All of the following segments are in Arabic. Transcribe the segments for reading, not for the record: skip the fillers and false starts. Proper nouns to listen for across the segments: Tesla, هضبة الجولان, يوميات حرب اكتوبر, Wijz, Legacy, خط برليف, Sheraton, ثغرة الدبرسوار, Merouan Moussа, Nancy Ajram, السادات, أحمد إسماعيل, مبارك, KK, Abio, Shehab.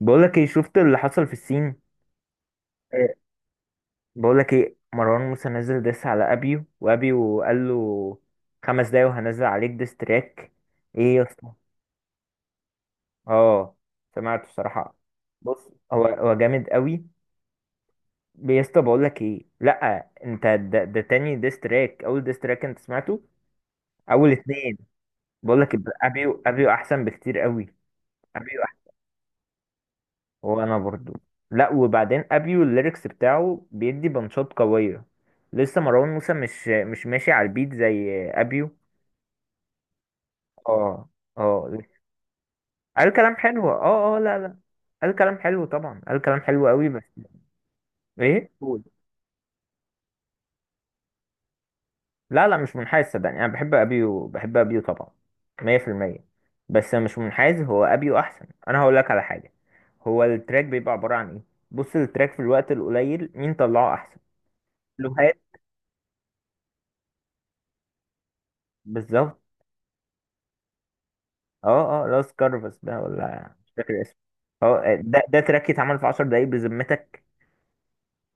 بقولك ايه، شفت اللي حصل في الصين؟ إيه. بقولك ايه، مروان موسى نزل ديس على ابيو، وابيو قال له خمس دقايق وهنزل عليك ديس تراك. ايه يا اسطى، اه سمعته صراحة. بص، هو جامد قوي. يا اسطى، بقولك ايه، لا انت ده تاني ديس تراك، اول ديس تراك انت سمعته؟ اول اتنين. بقولك، ابيو احسن بكتير قوي. ابيو. وانا برضو. لا، وبعدين ابيو الليركس بتاعه بيدي بنشاط قويه. لسه مروان موسى مش ماشي على البيت زي ابيو. اه، اه، قال كلام حلو، اه، اه، لا، لا، قال كلام حلو طبعا، قال كلام حلو قوي، بس... ايه، قول. لا، لا، مش منحاز، صدقني انا بحب ابيو، بحب ابيو طبعا، 100%. بس مش منحاز، هو ابيو احسن. انا هقول لك على حاجه. هو التراك بيبقى عباره عن ايه؟ بص، التراك في الوقت القليل مين طلعه احسن؟ لوهات. بالظبط. اه، اه، لاس كارفاس ده ولا مش فاكر اسمه. اه، ده تراك اتعمل في عشر دقايق بذمتك؟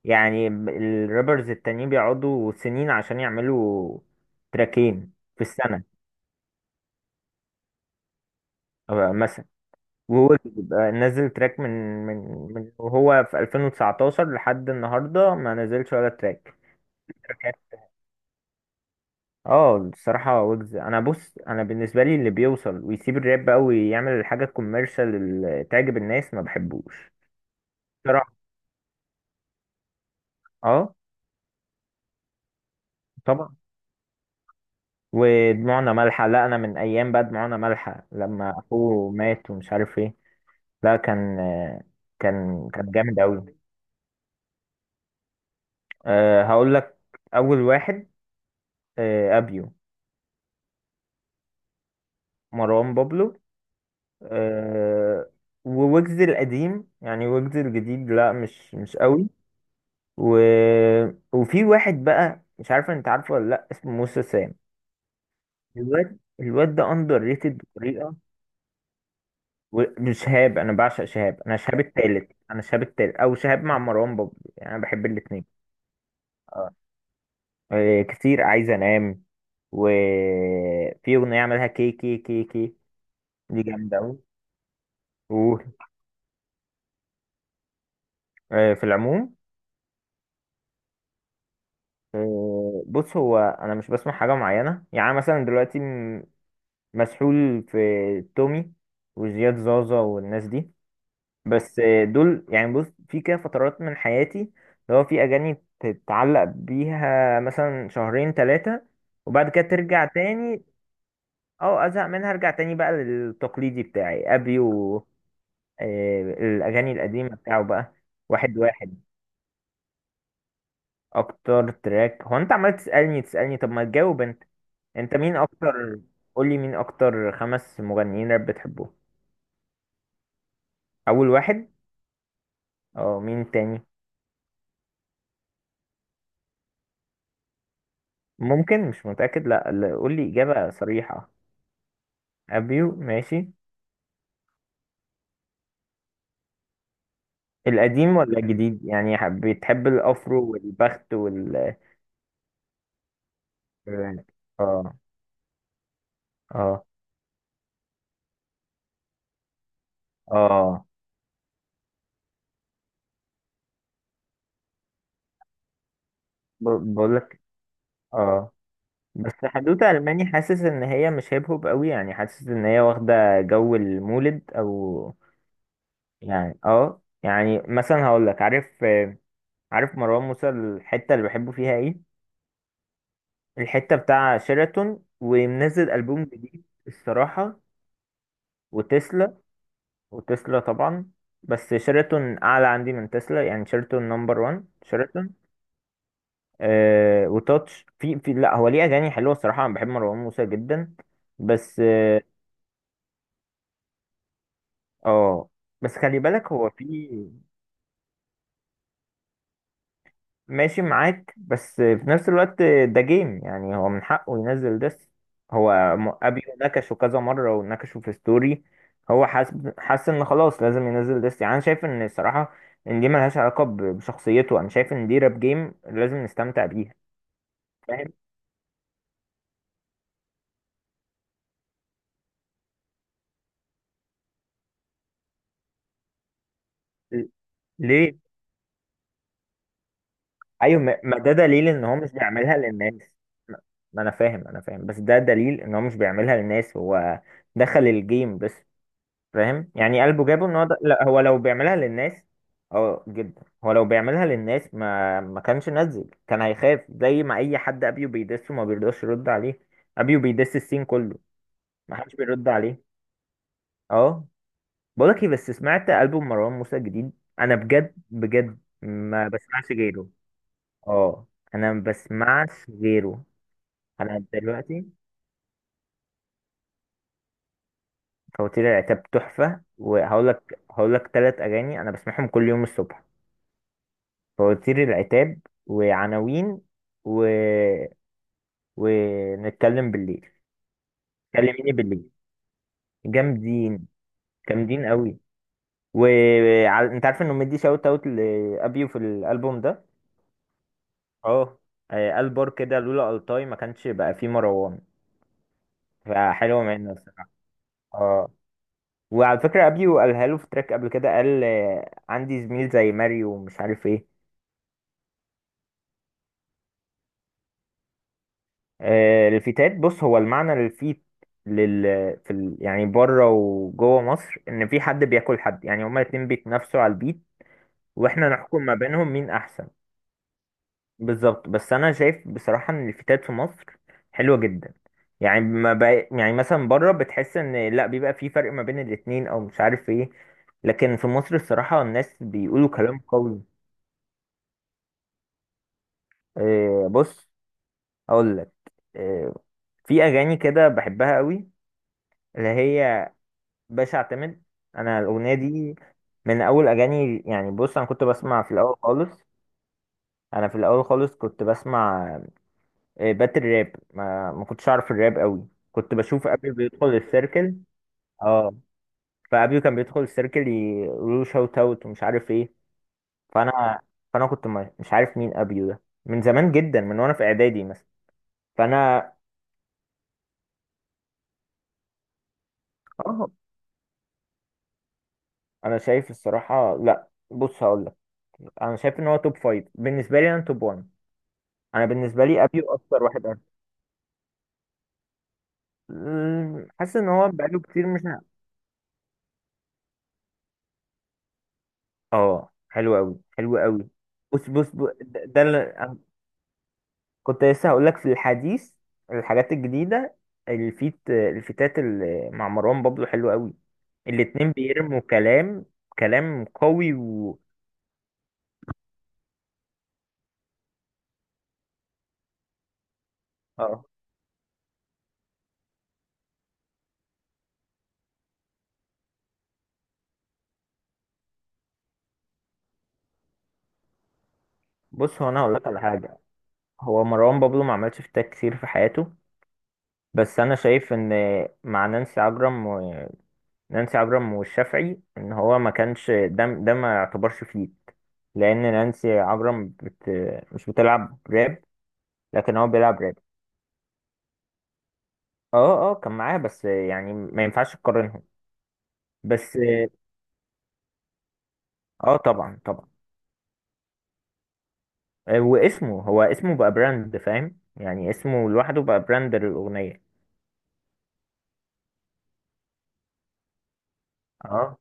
يعني الرابرز التانيين بيقعدوا سنين عشان يعملوا تراكين في السنة. مثلا، وهو بيبقى نزل تراك من من وهو في 2019 لحد النهاردة ما نزلش ولا تراك. تراكات. اه، الصراحة ويجز، انا بص، انا بالنسبة لي اللي بيوصل ويسيب الراب قوي يعمل الحاجة الكوميرشال اللي تعجب الناس، ما بحبوش صراحة. اه، طبعا، ودموعنا مالحة. لا، أنا من أيام بقى دموعنا مالحة لما أخوه مات ومش عارف إيه. لا، كان، كان جامد أوي. أه، هقول لك. أول واحد. أه، أبيو. مروان بابلو. أه. وويجز القديم، يعني ويجز الجديد لا، مش أوي. و. وفي واحد بقى مش عارف أنت عارفه ولا لأ، اسمه موسى سام. الواد ده أندر ريتد بطريقة. مش شهاب، انا بعشق شهاب، انا شهاب التالت او شهاب مع مروان بابلو، يعني انا بحب الاتنين. اه. كتير عايز انام. وفي اغنيه عملها كي كي كي كي، دي جامده قوي. وفي العموم. بص، هو انا مش بسمع حاجه معينه، يعني أنا مثلا دلوقتي مسحول في تومي وزياد زازا والناس دي. بس دول يعني، بص في كده فترات من حياتي اللي هو في اغاني تتعلق بيها مثلا شهرين ثلاثة، وبعد كده ترجع تاني. او ازهق منها ارجع تاني بقى للتقليدي بتاعي ابي و... الاغاني القديمة بتاعه بقى. واحد واحد، اكتر تراك. هو انت عمال تسألني تسألني، طب ما تجاوب انت، انت مين اكتر؟ قولي مين اكتر خمس مغنيين راب بتحبهم. اول واحد. اه، مين تاني؟ ممكن، مش متأكد. لا، لا، قولي اجابة صريحة. ابيو، ماشي. القديم ولا الجديد؟ يعني بتحب الافرو والبخت وال... اه، اه، اه. بقولك. اه. بس حدوتة ألماني، حاسس إن هي مش هيب هوب قوي، يعني حاسس إن هي واخدة جو المولد أو... يعني اه، يعني مثلا هقولك، عارف عارف مروان موسى الحتة اللي بحبه فيها إيه؟ الحتة بتاع شيراتون، ومنزل ألبوم جديد الصراحة. وتسلا وتسلا طبعا. بس شيراتون اعلى عندي من تسلا، يعني شيراتون نمبر 1. شيراتون. آه، وتاتش، في لا، هو ليه اغاني حلوه الصراحه، انا بحب مروان موسى جدا. بس اه، آه، بس خلي بالك، هو في... ماشي معاك، بس في نفس الوقت ده جيم، يعني هو من حقه ينزل ده. هو ابيو نكشه كذا مرة، ونكشه في ستوري. هو حاسس ان خلاص لازم ينزل ديس، يعني انا شايف ان الصراحة ان دي ملهاش علاقة بشخصيته. انا شايف ان دي راب جيم لازم نستمتع بيها. فاهم؟ ل- ليه. ايوه، ما ده دليل ان هو مش بيعملها للناس. ما، انا فاهم، انا فاهم، بس ده دليل ان هو مش بيعملها للناس. هو دخل الجيم بس. فاهم؟ يعني قلبه جابه ان هو ده، لا، هو لو بيعملها للناس... اه، جدا. هو لو بيعملها للناس ما كانش نزل، كان هيخاف زي ما اي حد ابيو بيدسه ما بيرضاش يرد عليه. ابيو بيدس السين كله، ما حدش بيرد عليه. اه، بقولك ايه، بس سمعت البوم مروان موسى الجديد؟ انا بجد بجد ما بسمعش غيره. اه، انا ما بسمعش غيره. انا دلوقتي فواتير العتاب تحفه. وهقول لك ثلاث اغاني انا بسمعهم كل يوم الصبح. فواتير العتاب، وعناوين، و... ونتكلم بالليل، كلميني بالليل. جامدين، جامدين قوي. وانت عارف انه مدي شاوت اوت لابيو في الالبوم ده؟ اه، قال بار كده، لولا التاي ما كانش بقى فيه مروان. فحلوه منه الصراحه. اه، وعلى فكره ابيو قالها له في تراك قبل كده، قال عندي زميل زي ماريو ومش عارف ايه. الفتات، بص هو المعنى للفيت، لل، في ال، يعني بره وجوه مصر ان في حد بياكل حد، يعني هما الاتنين بيتنافسوا على البيت واحنا نحكم ما بينهم مين احسن. بالظبط، بس انا شايف بصراحة ان الفتات في مصر حلوة جدا. يعني ما بقى، يعني مثلا بره بتحس ان لا بيبقى في فرق ما بين الاتنين او مش عارف ايه، لكن في مصر الصراحة الناس بيقولوا كلام قوي. بص، اقول لك. آه، في اغاني كده بحبها قوي، اللي هي باش اعتمد. انا الاغنيه دي من اول اغاني. يعني بص، انا كنت بسمع في الاول خالص. انا في الاول خالص كنت بسمع باتل راب. ما كنتش اعرف الراب قوي، كنت بشوف ابيو بيدخل السيركل. اه، فابيو كان بيدخل السيركل يقولوا شوت اوت ومش عارف ايه. فانا، فانا كنت مش عارف مين ابيو ده من زمان جدا، من وانا في اعدادي مثلا. فانا، اه، انا شايف الصراحه، لا بص هقول لك، انا شايف ان هو توب فايف. بالنسبه لي انا توب 1. انا بالنسبه لي ابيو اكتر واحد. حاسس ان هو بقاله كتير مش اه، حلو قوي، حلو قوي. بص بص بص، ده اللي أنا كنت لسه هقول لك في الحديث، الحاجات الجديده. الفيتات اللي مع مروان بابلو حلو قوي، الاتنين بيرموا كلام، كلام قوي و... اه، بص، هو انا هقول لك على حاجه. هو مروان بابلو ما عملش فيتات كتير في حياته، بس انا شايف ان مع نانسي عجرم، نانسي عجرم والشافعي، ان هو ما كانش، ده ما يعتبرش فيت، لان نانسي عجرم بت، مش بتلعب راب، لكن هو بيلعب راب. اه، اه، كان معاه، بس يعني ما ينفعش تقارنهم. بس اه، طبعا، طبعا. واسمه، هو اسمه بقى براند، فاهم؟ يعني اسمه لوحده بقى براند للاغنيه. اه،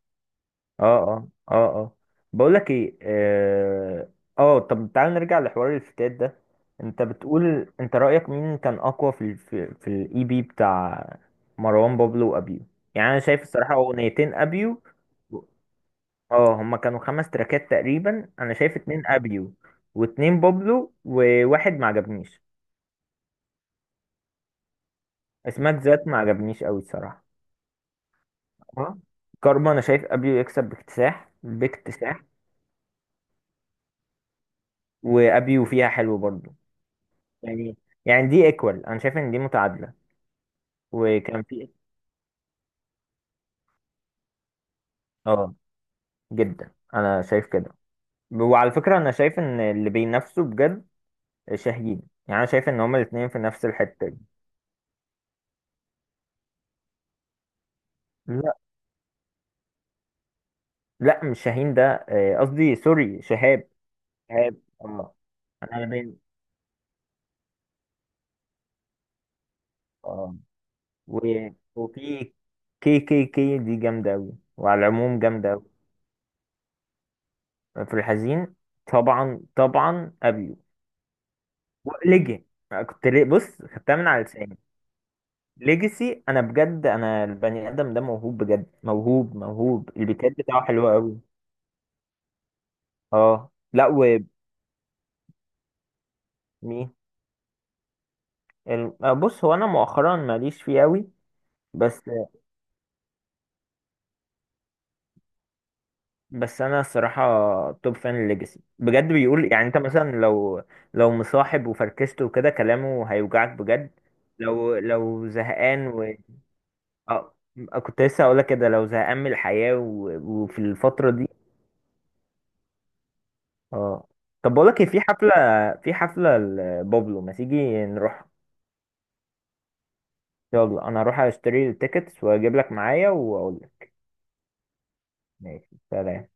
اه، اه، اه، اه، بقول لك ايه، اه، طب تعال نرجع لحوار الفتات ده. انت بتقول، انت رأيك مين كان اقوى في ال، في الاي بي بتاع مروان بابلو وابيو؟ يعني انا شايف الصراحة اغنيتين ابيو. اه، هما كانوا خمس تراكات تقريبا. انا شايف اتنين ابيو واتنين بابلو وواحد ما عجبنيش. اسمك ذات ما عجبنيش قوي الصراحة. اه، كارما انا شايف ابيو يكسب باكتساح، باكتساح. وابيو فيها حلو برضه، يعني. يعني دي ايكوال، انا شايف ان دي متعادله. وكان في... اه، جدا، انا شايف كده. وعلى فكره انا شايف ان اللي بينافسوا بجد شاهين، يعني انا شايف ان هما الاثنين في نفس الحته دي. لا، لا، مش شاهين ده، قصدي سوري، شهاب. شهاب. اه، انا بين، اه، و- وفي كي كي كي دي جامده قوي، وعلى العموم جامده قوي. في الحزين، طبعا طبعا ابيو. وليجن. كنت ليه؟ بص، خدتها من على لساني. ليجاسي، انا بجد انا البني ادم ده موهوب بجد، موهوب موهوب، البيكات بتاعه حلوه قوي. اه، لا. ومين؟ بص، هو انا مؤخرا ماليش فيه قوي. بس. بس انا الصراحه توب فان ليجاسي، بجد بيقول. يعني انت مثلا لو، لو مصاحب وفركشته وكده، كلامه هيوجعك بجد. لو زهقان و... اه، كنت لسه هقولك كده، لو زهقان من الحياه وفي الفتره دي. اه، طب بقول لك إيه، في حفلة لبابلو، ما تيجي نروح؟ يلا، انا هروح اشتري التيكتس واجيب لك معايا واقول لك. ماشي، سلام.